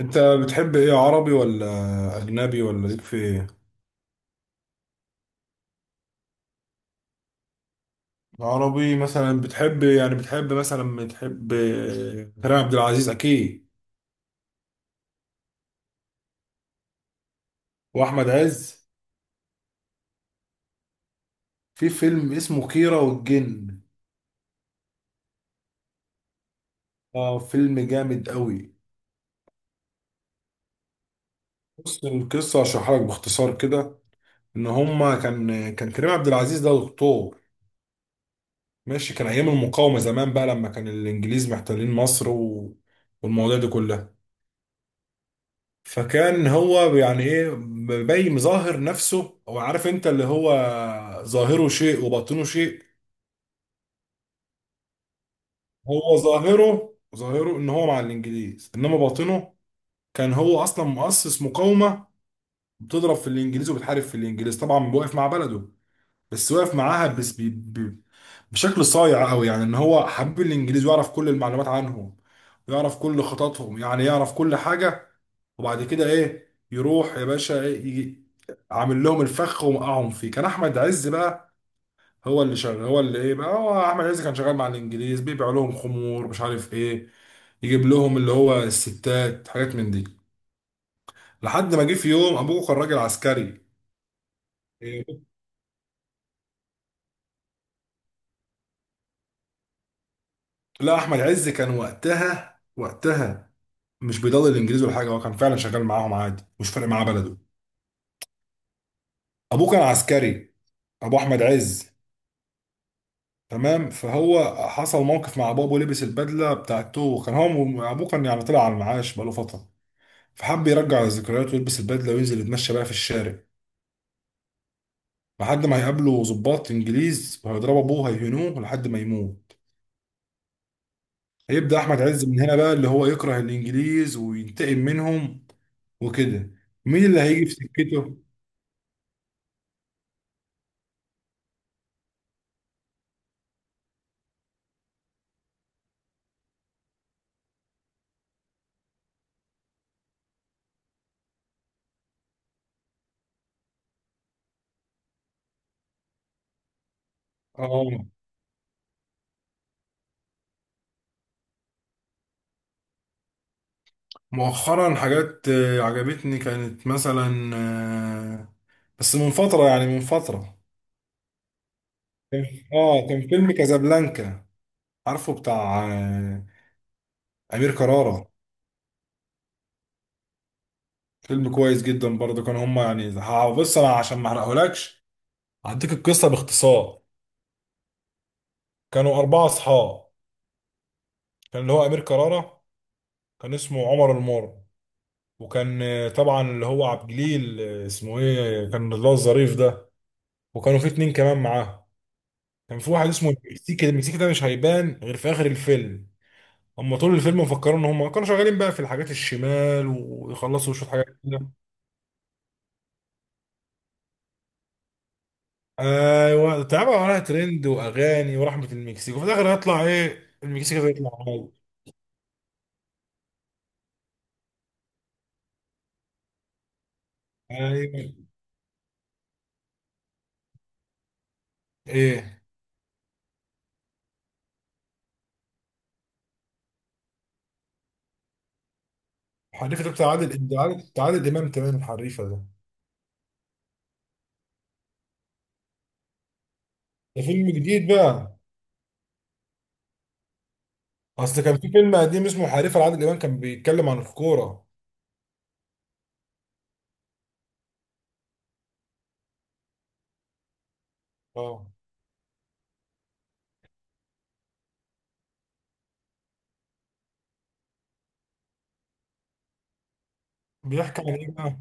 انت بتحب ايه، عربي ولا اجنبي ولا ليك في ايه؟ عربي مثلا، بتحب يعني بتحب مثلا، بتحب كريم عبد العزيز اكيد. واحمد عز. في فيلم اسمه كيرة والجن. اه، فيلم جامد قوي. بص، القصه هشرحها لك باختصار كده. ان هما كان كريم عبد العزيز ده دكتور. ماشي، كان ايام المقاومه زمان بقى، لما كان الانجليز محتلين مصر والمواضيع دي كلها. فكان هو يعني ايه، مبين مظاهر نفسه، هو عارف انت، اللي هو ظاهره شيء وباطنه شيء. هو ظاهره ان هو مع الانجليز، انما باطنه كان هو اصلا مؤسس مقاومه، بتضرب في الانجليز وبتحارب في الانجليز، طبعا واقف مع بلده، بس واقف معاها بس بي بي بشكل صايع قوي. يعني ان هو حبيب الانجليز، ويعرف كل المعلومات عنهم، ويعرف كل خططهم، يعني يعرف كل حاجة. وبعد كده ايه، يروح يا باشا، إيه، يجي عامل لهم الفخ ومقعهم فيه. كان احمد عز بقى هو اللي شغال، هو اللي ايه بقى، هو احمد عز كان شغال مع الانجليز، بيبيع لهم خمور، مش عارف ايه، يجيب لهم اللي هو الستات، حاجات من دي. لحد ما جه في يوم ابوه كان راجل عسكري. إيه، لا، احمد عز كان وقتها مش بيضل الانجليز ولا حاجه، هو كان فعلا شغال معاهم عادي، مش فارق معاه بلده. ابوه كان عسكري، ابو احمد عز. تمام. فهو حصل موقف مع بابه، لبس البدله بتاعته. كان هو ابوه كان يعني طلع على المعاش بقاله فتره، فحب يرجع الذكريات ويلبس البدله وينزل يتمشى بقى في الشارع، لحد ما هيقابله ضباط انجليز وهيضربوا ابوه هيهنوه لحد ما يموت. هيبدا احمد عز من هنا بقى اللي هو يكره الانجليز وينتقم منهم وكده. مين اللي هيجي في سكته؟ اه، مؤخرا حاجات عجبتني، كانت مثلا آه، بس من فترة، يعني من فترة. كان- اه، كان فيلم كازابلانكا، عارفه بتاع أمير كرارة. فيلم كويس جدا برضه. كانوا هما يعني بص، أنا عشان ما أحرقهولكش هديك القصة باختصار. كانوا أربعة أصحاب. كان اللي هو أمير كرارة، كان اسمه عمر المر. وكان طبعا اللي هو عبد الجليل، اسمه إيه، كان اللي هو الظريف ده. وكانوا في اتنين كمان معاه. كان في واحد اسمه المكسيكي. المكسيكي ده مش هيبان غير في اخر الفيلم، اما طول الفيلم مفكرين ان هم كانوا شغالين بقى في الحاجات الشمال ويخلصوا شويه حاجات كده. ايوه، تعبوا عليها ترند واغاني ورحمه المكسيك، وفي الاخر هيطلع ايه، المكسيكي ده يطلع عادي. ايوه. ايه الحريفه ده؟ بتاع عادل بتاع عادل امام، تمام، الحريفه ده؟ ده فيلم جديد بقى. اصل كان في فيلم قديم اسمه حريفه لعادل امام، كان بيتكلم عن الكوره. اه، بيحكي عن ايه بقى؟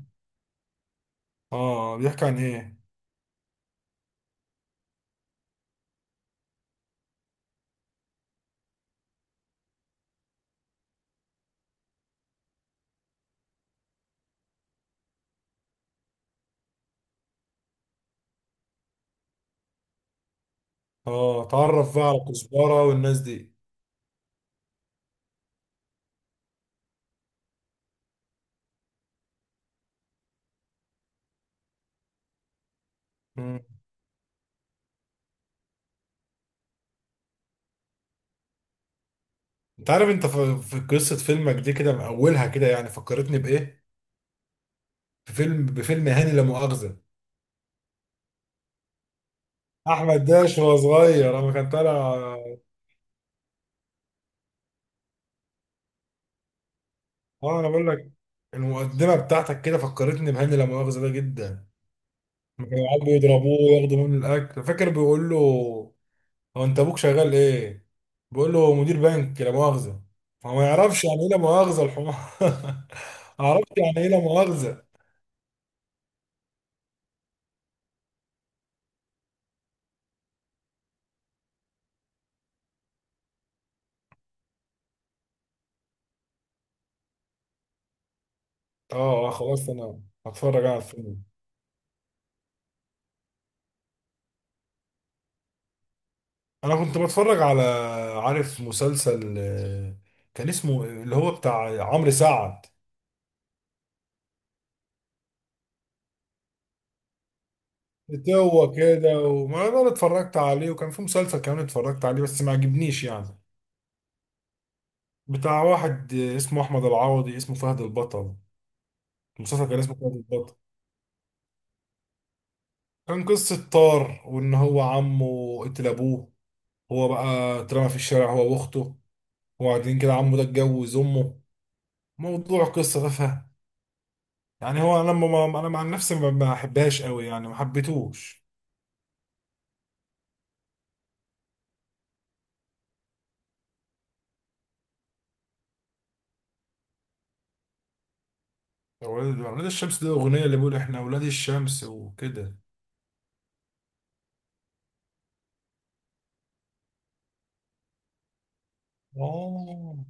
اه، بيحكي عن ايه؟ اه. تعرف بقى على كزبرة والناس دي. مم. انت عارف انت في قصة فيلمك دي كده من اولها كده، يعني فكرتني بايه؟ بفيلم هاني لا مؤاخذة. احمد داش وهو صغير اما كان طالع. اه، انا بقول لك، المقدمة بتاعتك كده فكرتني بهاني لا مؤاخذة ده جدا. لما كانوا يقعدوا يضربوه وياخدوا منه الاكل، فاكر بيقول له، هو انت ابوك شغال ايه؟ بيقول له مدير بنك لا مؤاخذة. هو ما يعرفش يعني ايه لا مؤاخذة الحمار. ما يعرفش يعني ايه لا مؤاخذة. اه، اه، خلاص انا هتفرج على الفيلم. انا كنت بتفرج على، عارف مسلسل، كان اسمه اللي هو بتاع عمرو سعد. هو كده، وما انا اتفرجت عليه، وكان في مسلسل كمان اتفرجت عليه بس ما عجبنيش يعني. بتاع واحد اسمه احمد العوضي، اسمه فهد البطل. المسلسل كان اسمه فهد البطل. كان قصة طار، وان هو عمه قتل ابوه. هو بقى اترمى في الشارع هو واخته. وبعدين كده عمه ده اتجوز امه. موضوع قصة تافهة يعني، هو انا لما ما انا مع نفسي ما بحبهاش قوي يعني، ما حبيتهوش. اولاد الشمس دي الاغنيه اللي بيقول احنا اولاد الشمس وكده. آه.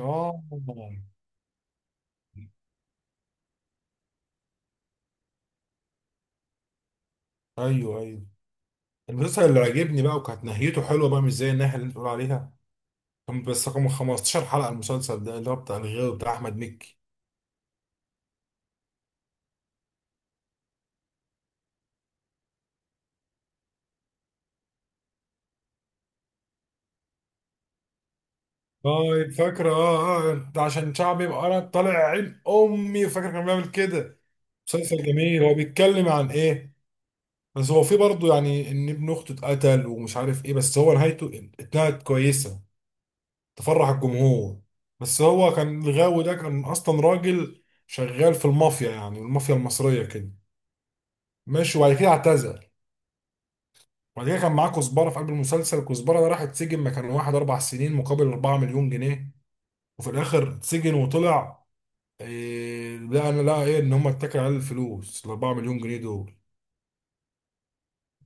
آه. ايوه، ايوه. المسلسل اللي عجبني بقى وكانت نهايته حلوه بقى، مش زي الناحيه اللي انت بتقول عليها. كان بس رقم 15 حلقه المسلسل ده، اللي هو بتاع الغاوي بتاع احمد مكي. طيب، فاكره، اه، اه، ده عشان شعبي يبقى انا طالع عين امي. فاكر كان بيعمل كده. مسلسل جميل. هو بيتكلم عن ايه؟ بس هو في برضه يعني ان ابن اخته اتقتل، ومش عارف ايه، بس هو نهايته اتنهت كويسه، تفرح الجمهور. بس هو كان الغاوي ده كان اصلا راجل شغال في المافيا، يعني المافيا المصريه كده. ماشي. وبعد كده اعتزل. وبعد كده كان معاه كزبره في قلب المسلسل. كزبره ده راح اتسجن مكان واحد اربع سنين، مقابل 4 مليون جنيه، وفي الاخر اتسجن وطلع. لا، انا، لا، ان هم اتكلوا على الفلوس ال 4 مليون جنيه دول.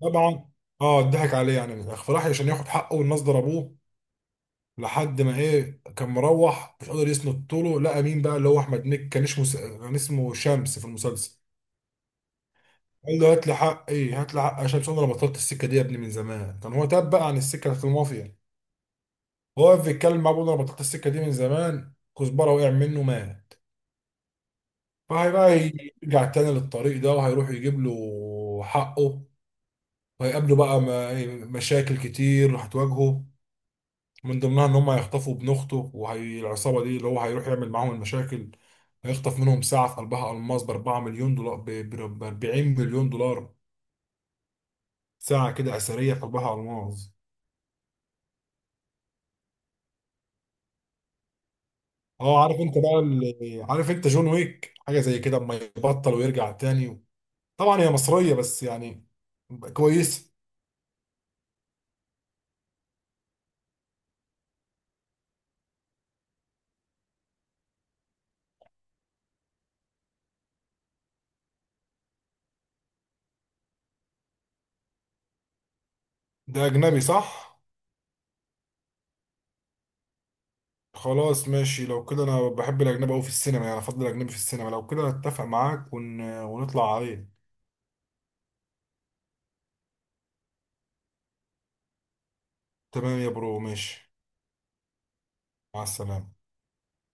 طبعا. اه، اتضحك عليه يعني، من الاخر فراح عشان ياخد حقه والناس ضربوه، لحد ما كان مروح مش قادر يسند طوله. لقى مين بقى، اللي هو احمد نك، كان اسمه كان اسمه شمس في المسلسل. قال له هات لي حق هات لي حق يا شمس، انا بطلت السكه دي يا ابني من زمان. كان هو تاب بقى عن السكه بتاعت المافيا. هو واقف بيتكلم مع ابوه، انا بطلت السكه دي من زمان. كزبره وقع منه مات. فهيبقى يرجع تاني للطريق ده وهيروح يجيب له حقه. وهيقابله بقى م- إيه، مشاكل كتير هتواجهه، من ضمنها ان هم هيخطفوا ابن اخته، وهي العصابه دي اللي هو هيروح يعمل معاهم المشاكل. هيخطف منهم ساعه في قلبها الماس ب 4 مليون دولار، ب 40 مليون دولار، ساعه كده اثريه في قلبها الماس. اه، عارف انت بقى عارف انت جون ويك حاجه زي كده، اما يبطل ويرجع تاني. طبعا هي مصريه بس يعني. كويس. ده اجنبي صح؟ خلاص، ماشي لو كده، انا بحب الاجنبي قوي في السينما، يعني افضل الاجنبي في السينما، لو كده اتفق معاك ونطلع عليه. تمام يا برو، ماشي. مع السلامه.